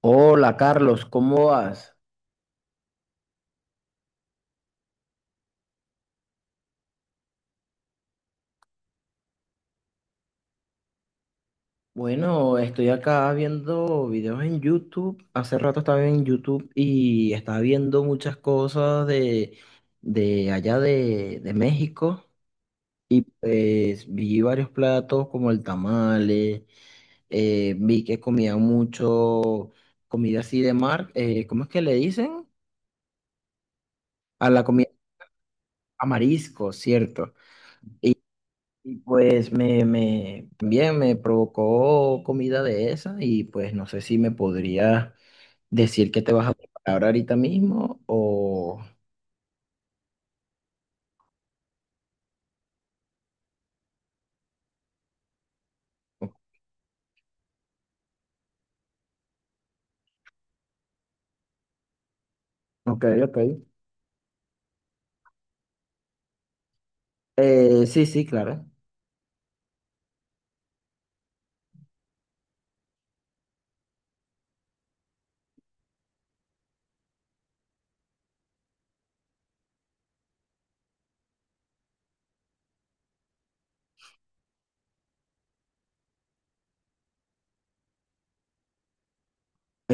Hola Carlos, ¿cómo vas? Bueno, estoy acá viendo videos en YouTube. Hace rato estaba en YouTube y estaba viendo muchas cosas de allá de México. Y pues vi varios platos como el tamale, vi que comían mucho comida así de mar. ¿Cómo es que le dicen? A la comida, a marisco, ¿cierto? Y pues bien, me provocó comida de esa y pues no sé si me podría decir que te vas a preparar ahorita mismo o... Ok, ok. Sí, sí, claro.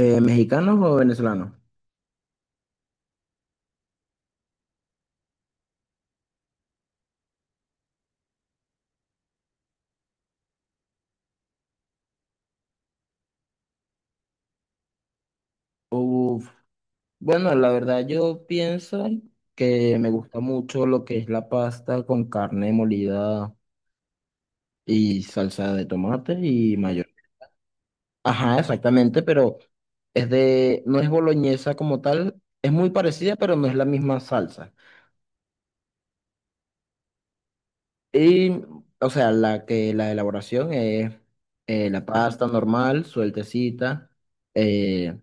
¿Mexicanos o venezolanos? Uf, bueno, la verdad yo pienso que me gusta mucho lo que es la pasta con carne molida y salsa de tomate y mayo. Ajá, exactamente, pero es de, no es boloñesa como tal, es muy parecida, pero no es la misma salsa. Y, o sea, la que la elaboración es la pasta normal, sueltecita, eh,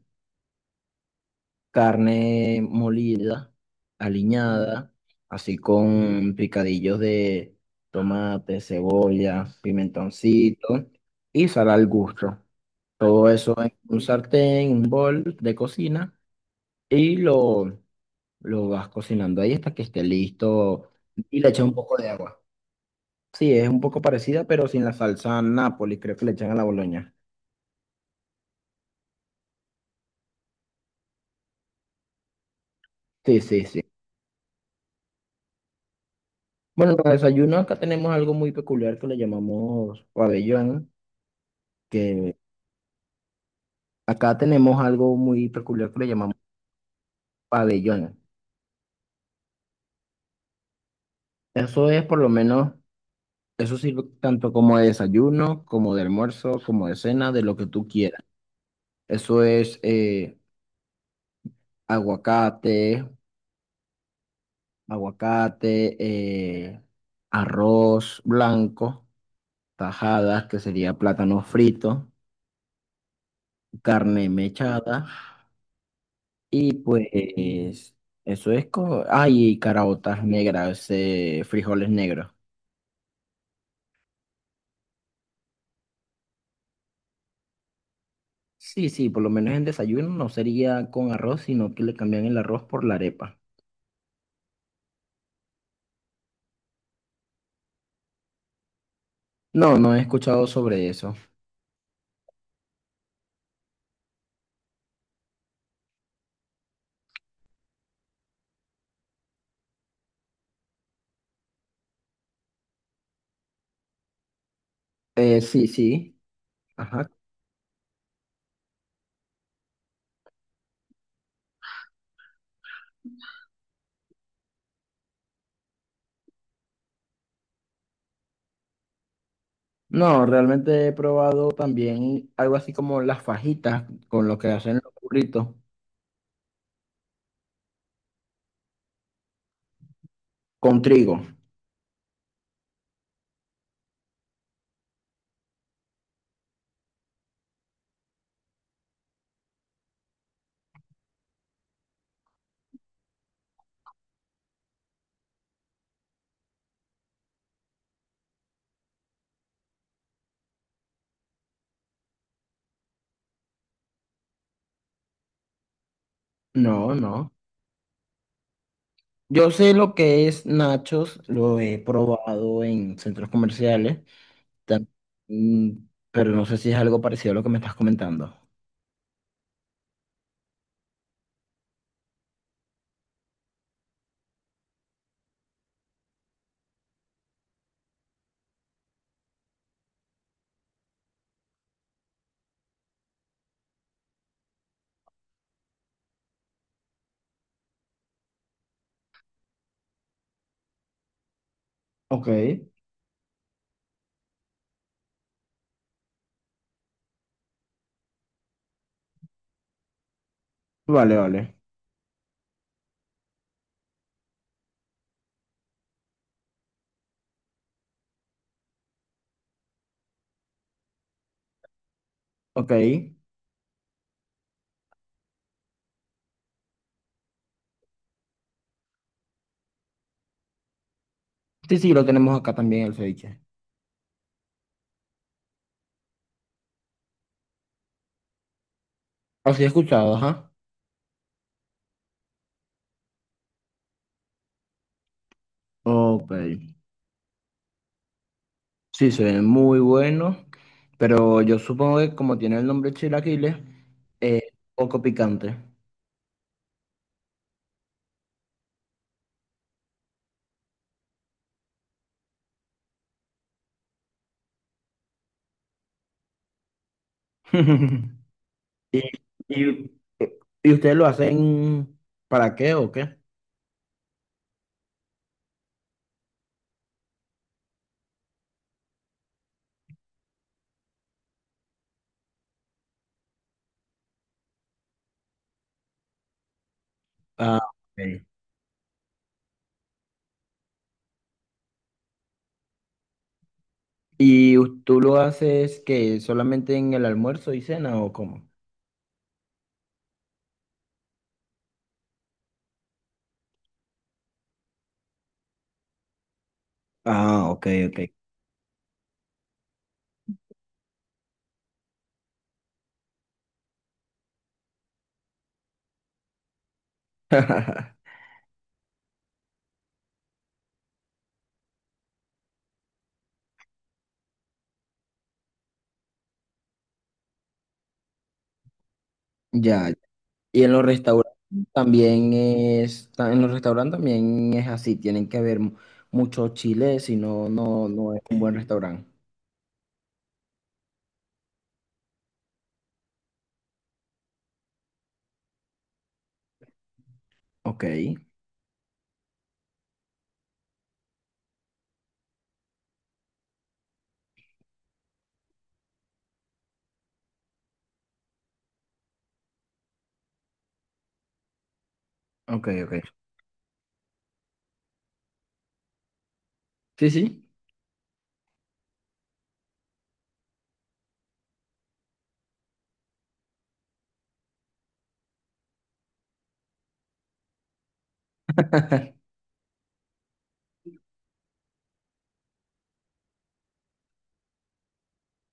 carne molida, aliñada, así con picadillos de tomate, cebolla, pimentoncito y sal al gusto. Todo eso en un sartén, un bol de cocina y lo vas cocinando ahí hasta que esté listo y le echas un poco de agua. Sí, es un poco parecida, pero sin la salsa Nápoles, creo que le echan a la boloña. Sí, sí, sí. Bueno, para desayuno acá tenemos algo muy peculiar que le llamamos pabellón, que acá tenemos algo muy peculiar que le llamamos pabellón. Eso es por lo menos, eso sirve tanto como de desayuno, como de almuerzo, como de cena, de lo que tú quieras. Eso es aguacate, aguacate, eh, arroz blanco, tajadas, que sería plátano frito, carne mechada, y pues eso es como, ay, y caraotas negras, frijoles negros. Sí, sí, por lo menos en desayuno no sería con arroz, sino que le cambian el arroz por la arepa. No, no he escuchado sobre eso. Sí, sí. Ajá. No, realmente he probado también algo así como las fajitas con lo que hacen los burritos. Con trigo. No, no. Yo sé lo que es nachos, lo he probado en centros comerciales, tam- mm, pero no sé si es algo parecido a lo que me estás comentando. Ok, vale, vale. Ok. Sí, sí, lo tenemos acá también el ceviche. Así he escuchado, ajá. Ok. Sí, se ve muy bueno, pero yo supongo que como tiene el nombre chilaquiles, es poco picante. ¿Y, y, y ustedes lo hacen para qué o qué? Ah, ok. ¿Y us- tú lo haces que solamente en el almuerzo y cena o cómo? Ah, ok, ok. Ya. Y en los restaurantes en los restaurantes también es así, tienen que haber mu- mucho chile, si no, no, no es un buen restaurante. Ok, ok, ok. Sí, sí.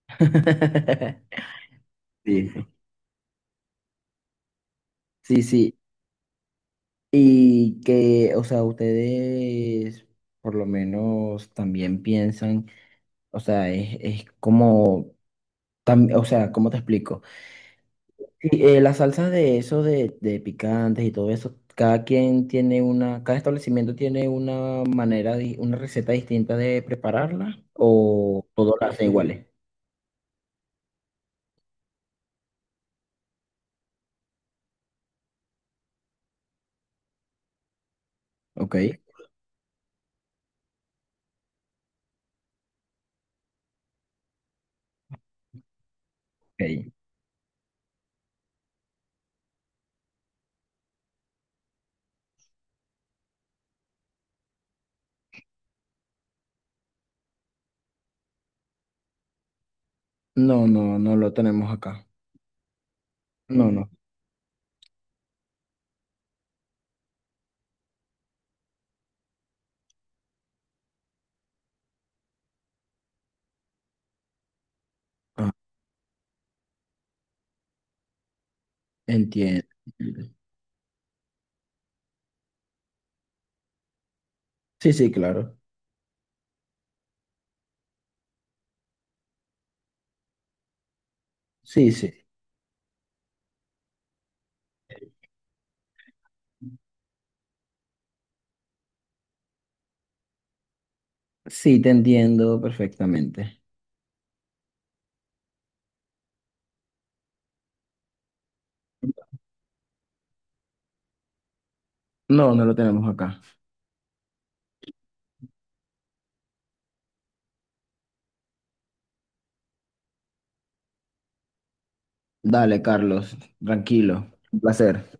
Sí, sí, sí. Y que, o sea, ustedes por lo menos también piensan, o sea, es como, o sea, ¿cómo te explico? Y, las salsas de eso, de picantes y todo eso, cada quien tiene una, cada establecimiento tiene una manera, una receta distinta de prepararla, o todas las hacen iguales. Ok, ok. No, no, no lo tenemos acá. No, no. Ah, entiendo. Sí, sí, claro. Sí, sí. Sí, te entiendo perfectamente. No, no lo tenemos acá. Dale, Carlos, tranquilo. Un placer.